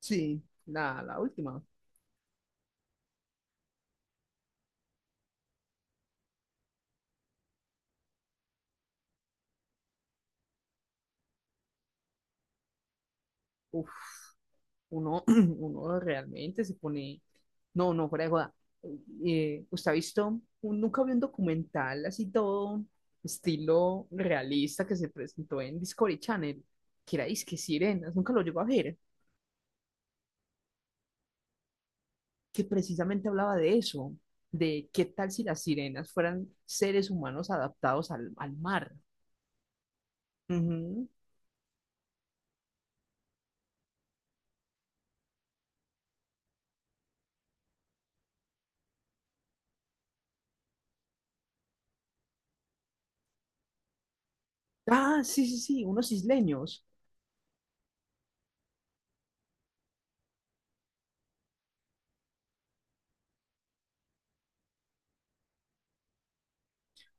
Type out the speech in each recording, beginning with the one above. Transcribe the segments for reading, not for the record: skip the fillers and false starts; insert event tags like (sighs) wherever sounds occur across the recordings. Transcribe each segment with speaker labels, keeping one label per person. Speaker 1: Sí, la última. Uf, uno, (clears throat) uno realmente se pone. No, no, fuera de joda. ¿Usted ha visto? Nunca vi un documental así todo estilo realista que se presentó en Discovery Channel, que era Disque Sirenas, nunca lo llegó a ver, que precisamente hablaba de eso, de qué tal si las sirenas fueran seres humanos adaptados al mar. Ujú. Ah, sí, sí, sí, unos isleños.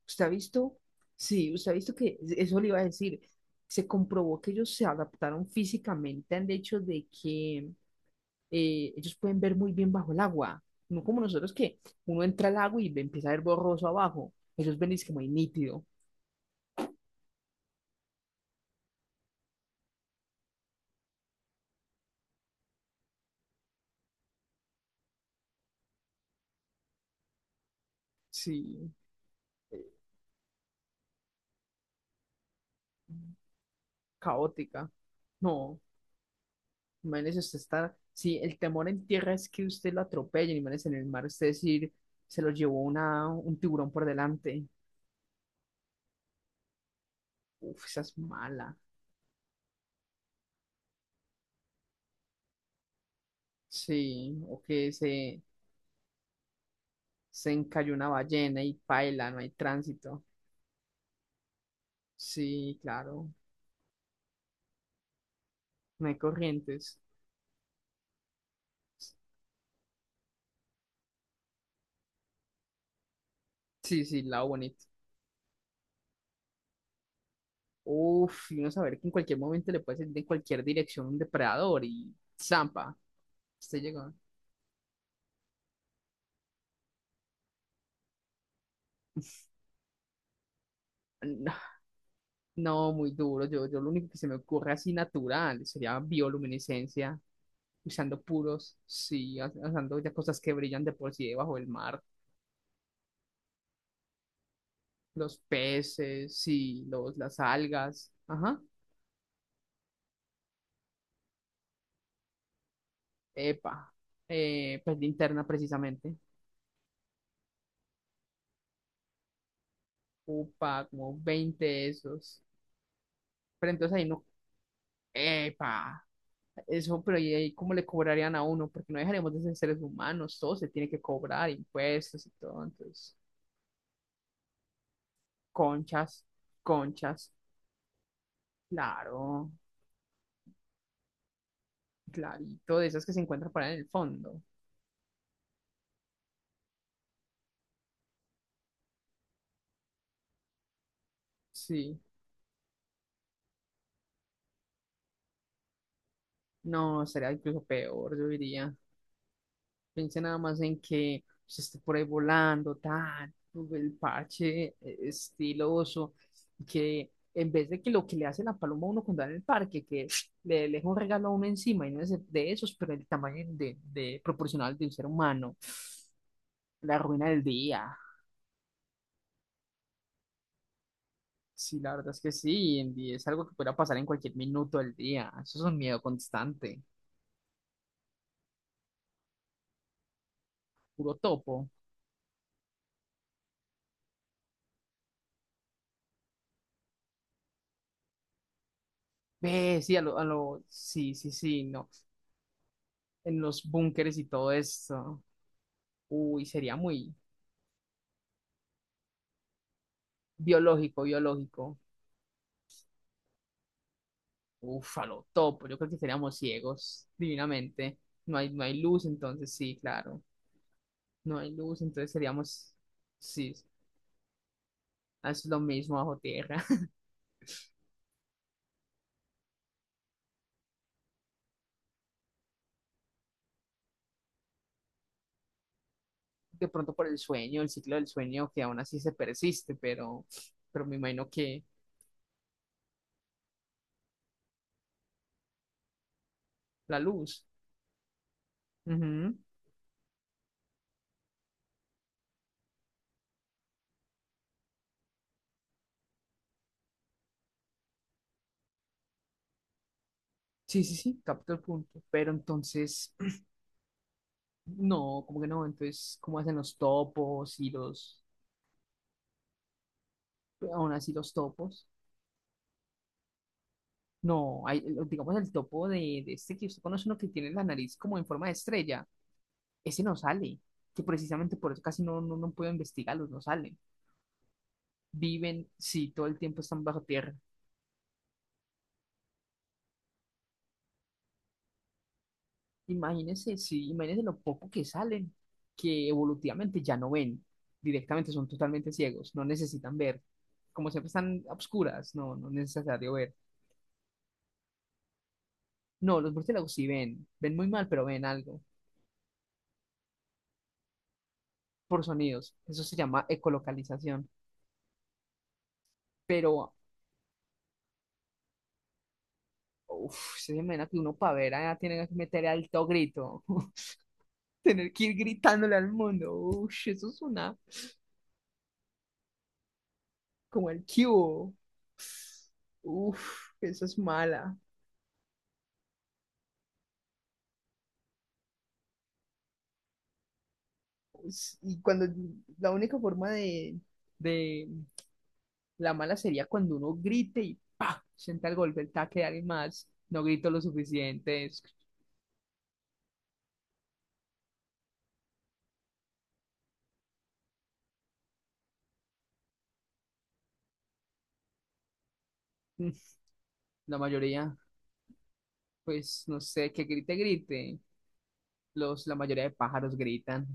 Speaker 1: Usted ha visto, sí, usted ha visto que eso le iba a decir. Se comprobó que ellos se adaptaron físicamente al hecho de que ellos pueden ver muy bien bajo el agua. No como nosotros que uno entra al agua y empieza a ver borroso abajo. Ellos ven y es que muy nítido. Sí, caótica. No, imagínese usted estar. Sí, el temor en tierra es que usted lo atropellen, imagínese en el mar, usted decir, se lo llevó una, un tiburón por delante. Uf, esa es mala. Sí, se encalló una ballena y paila, no hay tránsito. Sí, claro, no hay corrientes. Sí, sí, lado bonito. Uf, y uno saber que en cualquier momento le puede salir de cualquier dirección un depredador y zampa. Usted llegó. (sighs) No, no, muy duro. Yo lo único que se me ocurre así natural sería bioluminiscencia, usando puros, sí, usando ya cosas que brillan de por sí debajo del mar. Los peces, sí, los, las algas. Ajá. Epa, pues linterna precisamente. Upa, como 20 de esos. Pero entonces ahí no, epa, eso, pero ¿y ahí cómo le cobrarían a uno? Porque no dejaremos de ser seres humanos, todo se tiene que cobrar, impuestos y todo. Entonces, conchas, conchas, claro, clarito, de esas que se encuentran por ahí en el fondo. Sí, no, sería incluso peor, yo diría. Piense nada más en que se esté por ahí volando, tal, el parche estiloso, que en vez de que lo que le hace la paloma a uno cuando va en el parque, que le deja un regalo a uno encima, y no es de esos, pero el tamaño de proporcional de un ser humano, la ruina del día. Sí, la verdad es que sí, Andy, es algo que pueda pasar en cualquier minuto del día. Eso es un miedo constante, puro topo. Ve, sí, sí, sí, sí, no, en los búnkeres y todo esto. Uy, sería muy, biológico, biológico. Uf, a lo topo. Yo creo que seríamos ciegos, divinamente. No hay luz, entonces sí, claro. No hay luz, entonces seríamos, sí, ah, es lo mismo bajo tierra. (laughs) De pronto por el sueño, el ciclo del sueño que aún así se persiste, pero me imagino que la luz. Ujú. Sí, sí, sí, capto el punto. Pero entonces, (clears throat) no, como que no. Entonces, ¿cómo hacen los topos y los, aún así los topos? No, hay, digamos el topo de este que usted conoce, uno que tiene la nariz como en forma de estrella. Ese no sale, que precisamente por eso casi no, no, no puedo investigarlos, no salen. Viven, sí, todo el tiempo están bajo tierra. Imagínense, sí, imagínense lo poco que salen, que evolutivamente ya no ven, directamente son totalmente ciegos, no necesitan ver. Como siempre están a obscuras, no, no es necesario ver. No, los murciélagos sí ven, ven muy mal, pero ven algo, por sonidos. Eso se llama ecolocalización. Pero uf, se imagina que uno para ver allá tiene que meter alto grito, (laughs) tener que ir gritándole al mundo. Uf, eso es una, como el cubo. Uf, eso es mala. Pues, y cuando la única forma de la mala sería cuando uno grite y ¡pa! Sienta el golpe, el taque de alguien más. No grito lo suficiente. Mm, La mayoría, pues no sé, que grite, grite. Los, la mayoría de pájaros gritan.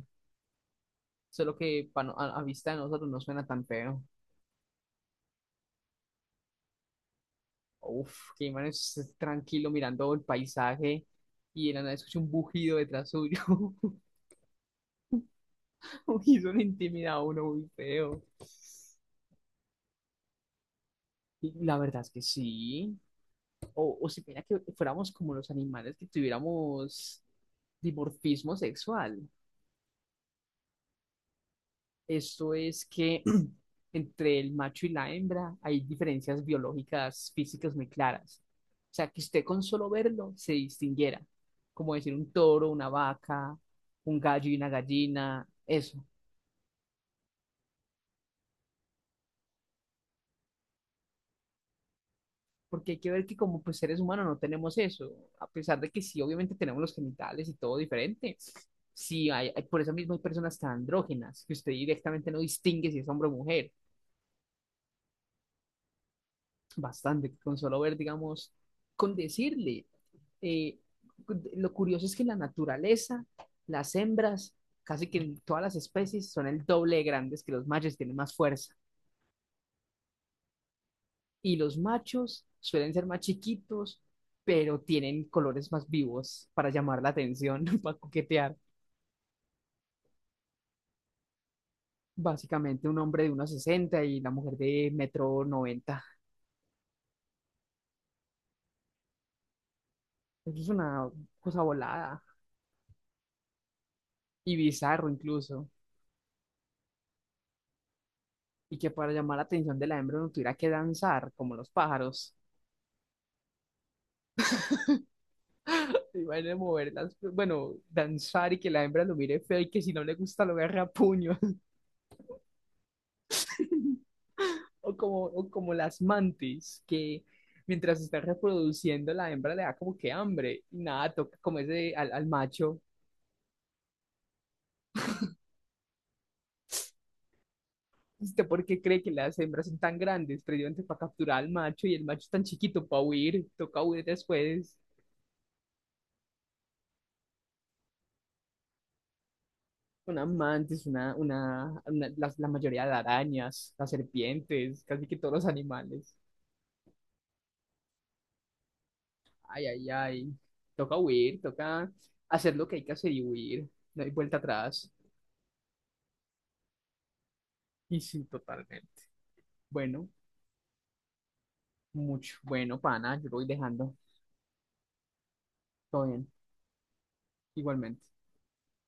Speaker 1: Solo que pa no- a vista de nosotros no suena tan feo. Uf, que man es tranquilo mirando el paisaje y de la nada escucha un bujido detrás suyo. (laughs) Uy, eso le intimida a uno muy feo. Y la verdad es que sí. O si mira que fuéramos como los animales que tuviéramos dimorfismo sexual. Esto es que (clears throat) entre el macho y la hembra hay diferencias biológicas físicas muy claras. O sea, que usted con solo verlo se distinguiera, como decir un toro, una vaca, un gallo y una gallina, eso. Porque hay que ver que como pues, seres humanos no tenemos eso, a pesar de que sí, obviamente tenemos los genitales y todo diferente. Sí, por eso mismo hay personas tan andrógenas, que usted directamente no distingue si es hombre o mujer. Bastante, con solo ver, digamos, con decirle eh, lo curioso es que en la naturaleza, las hembras, casi que en todas las especies, son el doble de grandes que los machos, tienen más fuerza. Y los machos suelen ser más chiquitos, pero tienen colores más vivos para llamar la atención, (laughs) para coquetear. Básicamente un hombre de unos 60 y la mujer de 1,90 m. Eso es una cosa volada y bizarro incluso. Y que para llamar la atención de la hembra no tuviera que danzar como los pájaros. Van a mover las, bueno, danzar y que la hembra lo mire feo y que si no le gusta lo agarra a puño. (laughs) O como las mantis, que mientras está reproduciendo la hembra le da como que hambre y nada, toca comerse al, al macho. ¿Usted por qué cree que las hembras son tan grandes? Precisamente para capturar al macho y el macho es tan chiquito para huir, toca huir después. La mayoría de arañas, las serpientes, casi que todos los animales. Ay, ay, ay. Toca huir, toca hacer lo que hay que hacer y huir. No hay vuelta atrás. Y sí, totalmente. Bueno, mucho. Bueno, pana, yo lo voy dejando. Todo bien, igualmente.